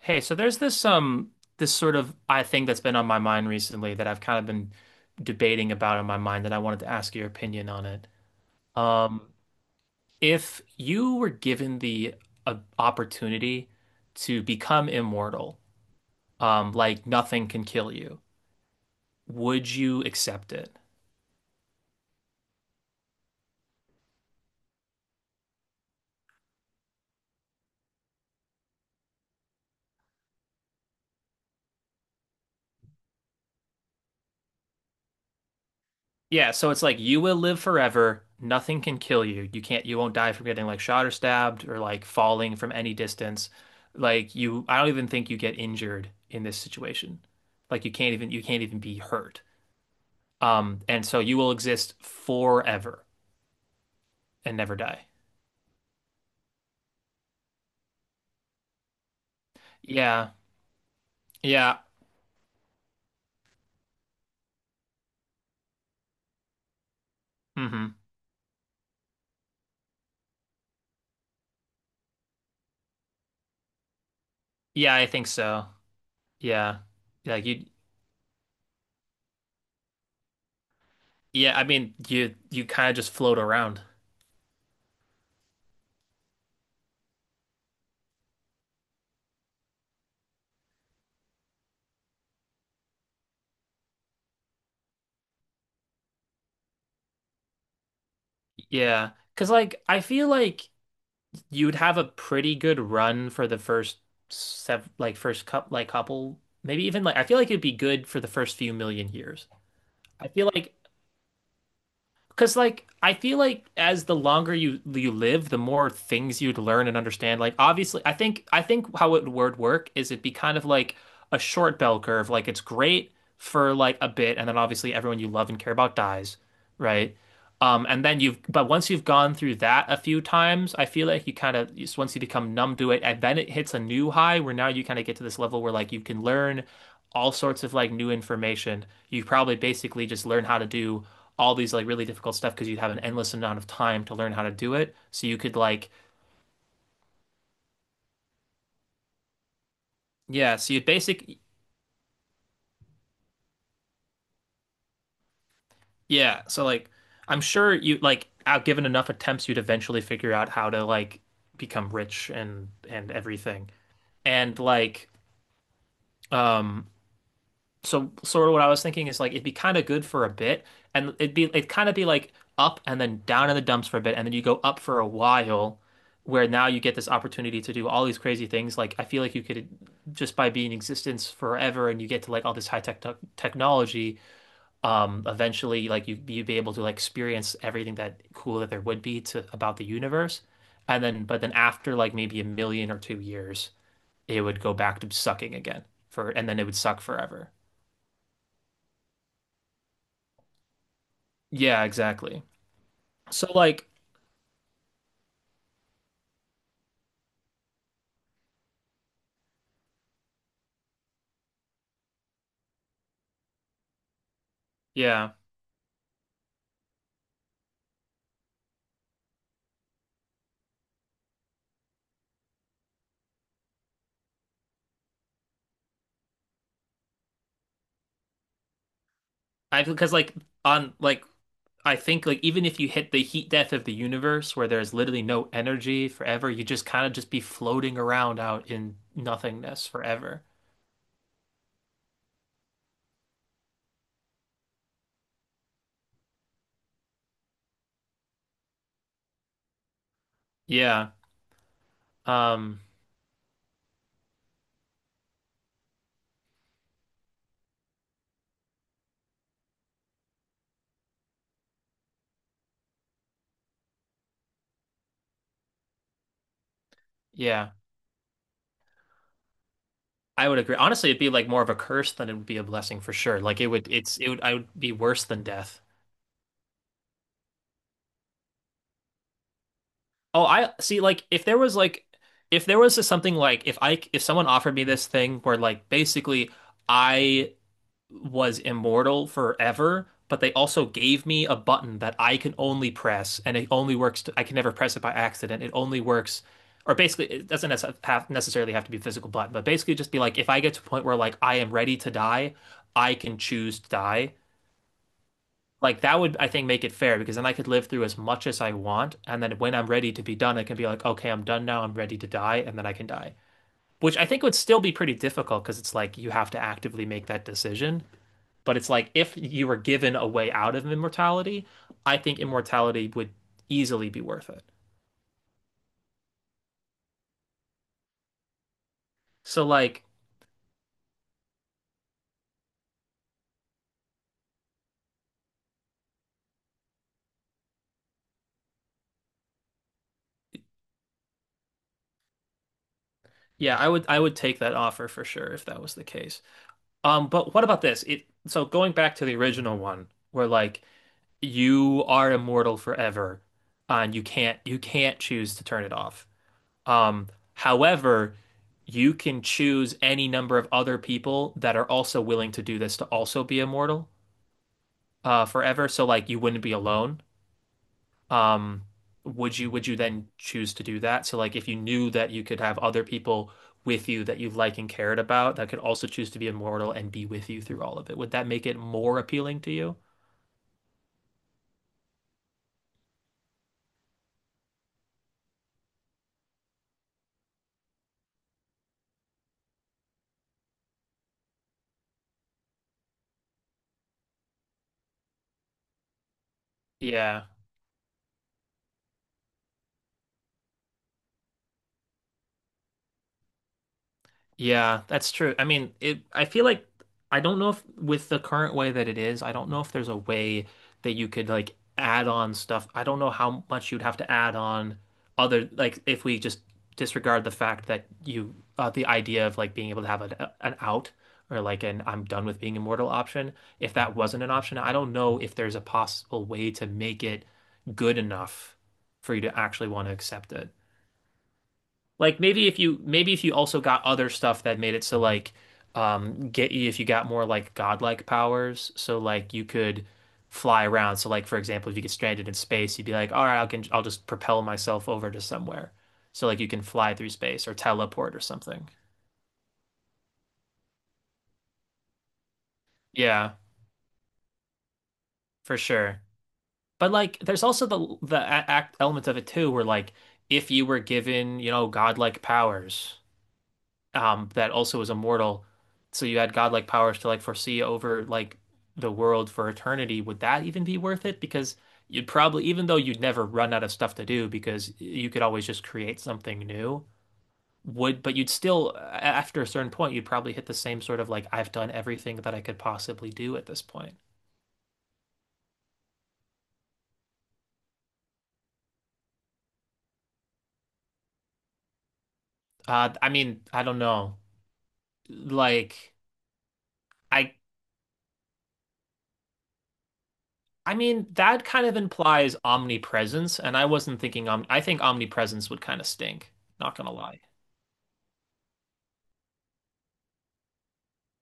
Hey, so there's this sort of I think that's been on my mind recently that I've kind of been debating about in my mind and I wanted to ask your opinion on it. Um, if you were given the opportunity to become immortal, like nothing can kill you, would you accept it? Yeah, so it's like you will live forever. Nothing can kill you. You can't, you won't die from getting like shot or stabbed or like falling from any distance. I don't even think you get injured in this situation. Like you can't even be hurt. And so you will exist forever and never die. Yeah. Yeah. Hmm. Yeah, I think so. Yeah. Like you, yeah, I mean, you kind of just float around. Yeah. Cause like, I feel like, you'd have a pretty good run for the first sev like first cup like couple, maybe even like I feel like it'd be good for the first few million years. I feel like as the longer you live, the more things you'd learn and understand. Like obviously, I think how it would work is it'd be kind of like a short bell curve. Like it's great for like a bit, and then obviously everyone you love and care about dies, right? And then you've but once you've gone through that a few times, I feel like you kind of once you become numb to it, and then it hits a new high where now you kind of get to this level where like you can learn all sorts of like new information. You probably basically just learn how to do all these like really difficult stuff because you have an endless amount of time to learn how to do it. So you could like yeah, so you'd basic yeah, so like I'm sure you like out given enough attempts you'd eventually figure out how to like become rich and everything. And like um so sort of what I was thinking is like it'd be kind of good for a bit, and it'd kind of be like up and then down in the dumps for a bit, and then you go up for a while, where now you get this opportunity to do all these crazy things. Like I feel like you could just by being in existence forever, and you get to like all this high technology. Eventually, like you'd be able to like experience everything that cool that there would be to about the universe, and then but then after like maybe a million or two years, it would go back to sucking again and then it would suck forever. Yeah, exactly. So like, yeah, I because like on like I think like even if you hit the heat death of the universe where there's literally no energy forever, you just kind of just be floating around out in nothingness forever. Yeah. Um, yeah. I would agree. Honestly, it'd be like more of a curse than it would be a blessing for sure. Like it would I would be worse than death. Oh, I see like if there was something like if someone offered me this thing where like basically I was immortal forever, but they also gave me a button that I can only press, and it only works, to, I can never press it by accident. It only works, or basically, it doesn't have necessarily have to be a physical button, but basically, just be like, if I get to a point where like I am ready to die, I can choose to die. Like that would, I think, make it fair because then I could live through as much as I want, and then when I'm ready to be done, I can be like, okay, I'm done now. I'm ready to die, and then I can die. Which I think would still be pretty difficult because it's like you have to actively make that decision. But it's like if you were given a way out of immortality, I think immortality would easily be worth it. So like, yeah, I would take that offer for sure if that was the case. But what about this? It so going back to the original one where like you are immortal forever and you can't choose to turn it off. Um, however, you can choose any number of other people that are also willing to do this to also be immortal forever. So like you wouldn't be alone. um would you then choose to do that? So like if you knew that you could have other people with you that you like and cared about that could also choose to be immortal and be with you through all of it, would that make it more appealing to you? Yeah. Yeah, that's true. I mean, it I feel like I don't know if with the current way that it is, I don't know if there's a way that you could like add on stuff. I don't know how much you'd have to add on other like if we just disregard the fact that you the idea of like being able to have an out or like an I'm done with being immortal option, if that wasn't an option, I don't know if there's a possible way to make it good enough for you to actually want to accept it. Like maybe if you also got other stuff that made it so like get you if you got more like godlike powers, so like you could fly around. So like for example, if you get stranded in space, you'd be like, all right, I'll just propel myself over to somewhere. So like you can fly through space or teleport or something. Yeah, for sure. But like there's also the act element of it too, where like if you were given, you know, godlike powers, that also was immortal. So you had godlike powers to like foresee over like the world for eternity. Would that even be worth it? Because you'd probably, even though you'd never run out of stuff to do, because you could always just create something new. Would, but you'd still, after a certain point, you'd probably hit the same sort of like, I've done everything that I could possibly do at this point. I mean, I don't know. Like, I, I mean, that kind of implies omnipresence, and I wasn't thinking om I think omnipresence would kind of stink, not gonna lie.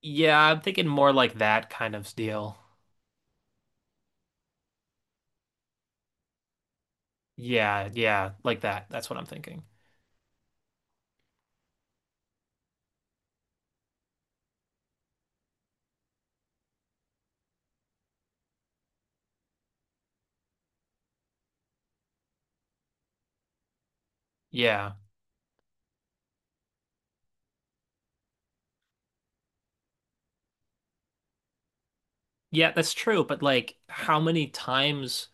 Yeah, I'm thinking more like that kind of deal. Yeah, yeah, like that. That's what I'm thinking. Yeah. Yeah, that's true, but like how many times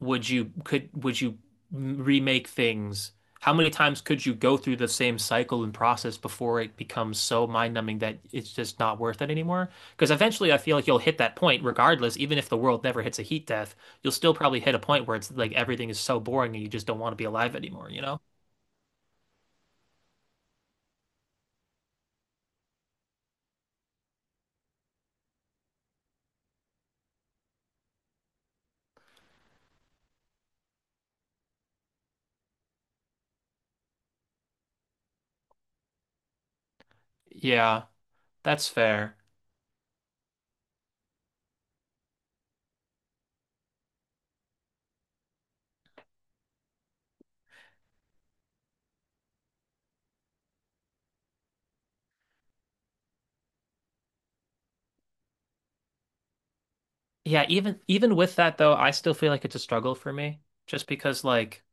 would you could would you m- remake things? How many times could you go through the same cycle and process before it becomes so mind-numbing that it's just not worth it anymore? Because eventually I feel like you'll hit that point regardless, even if the world never hits a heat death, you'll still probably hit a point where it's like everything is so boring and you just don't want to be alive anymore, you know? Yeah, that's fair. Yeah, even even with that though, I still feel like it's a struggle for me just because like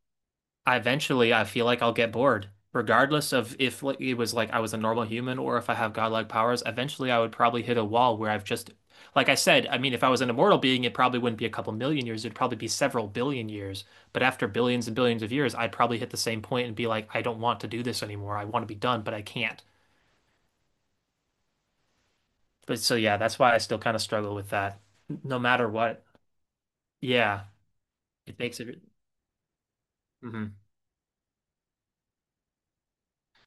I eventually I feel like I'll get bored regardless of if like it was like I was a normal human or if I have godlike powers, eventually I would probably hit a wall where I've just like I said, I mean if I was an immortal being it probably wouldn't be a couple million years, it'd probably be several billion years, but after billions and billions of years, I'd probably hit the same point and be like I don't want to do this anymore. I want to be done, but I can't. But so yeah, that's why I still kind of struggle with that no matter what. Yeah, it makes it mhm.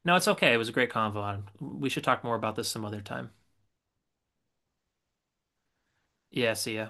No, it's okay. It was a great convo. We should talk more about this some other time. Yeah, see ya.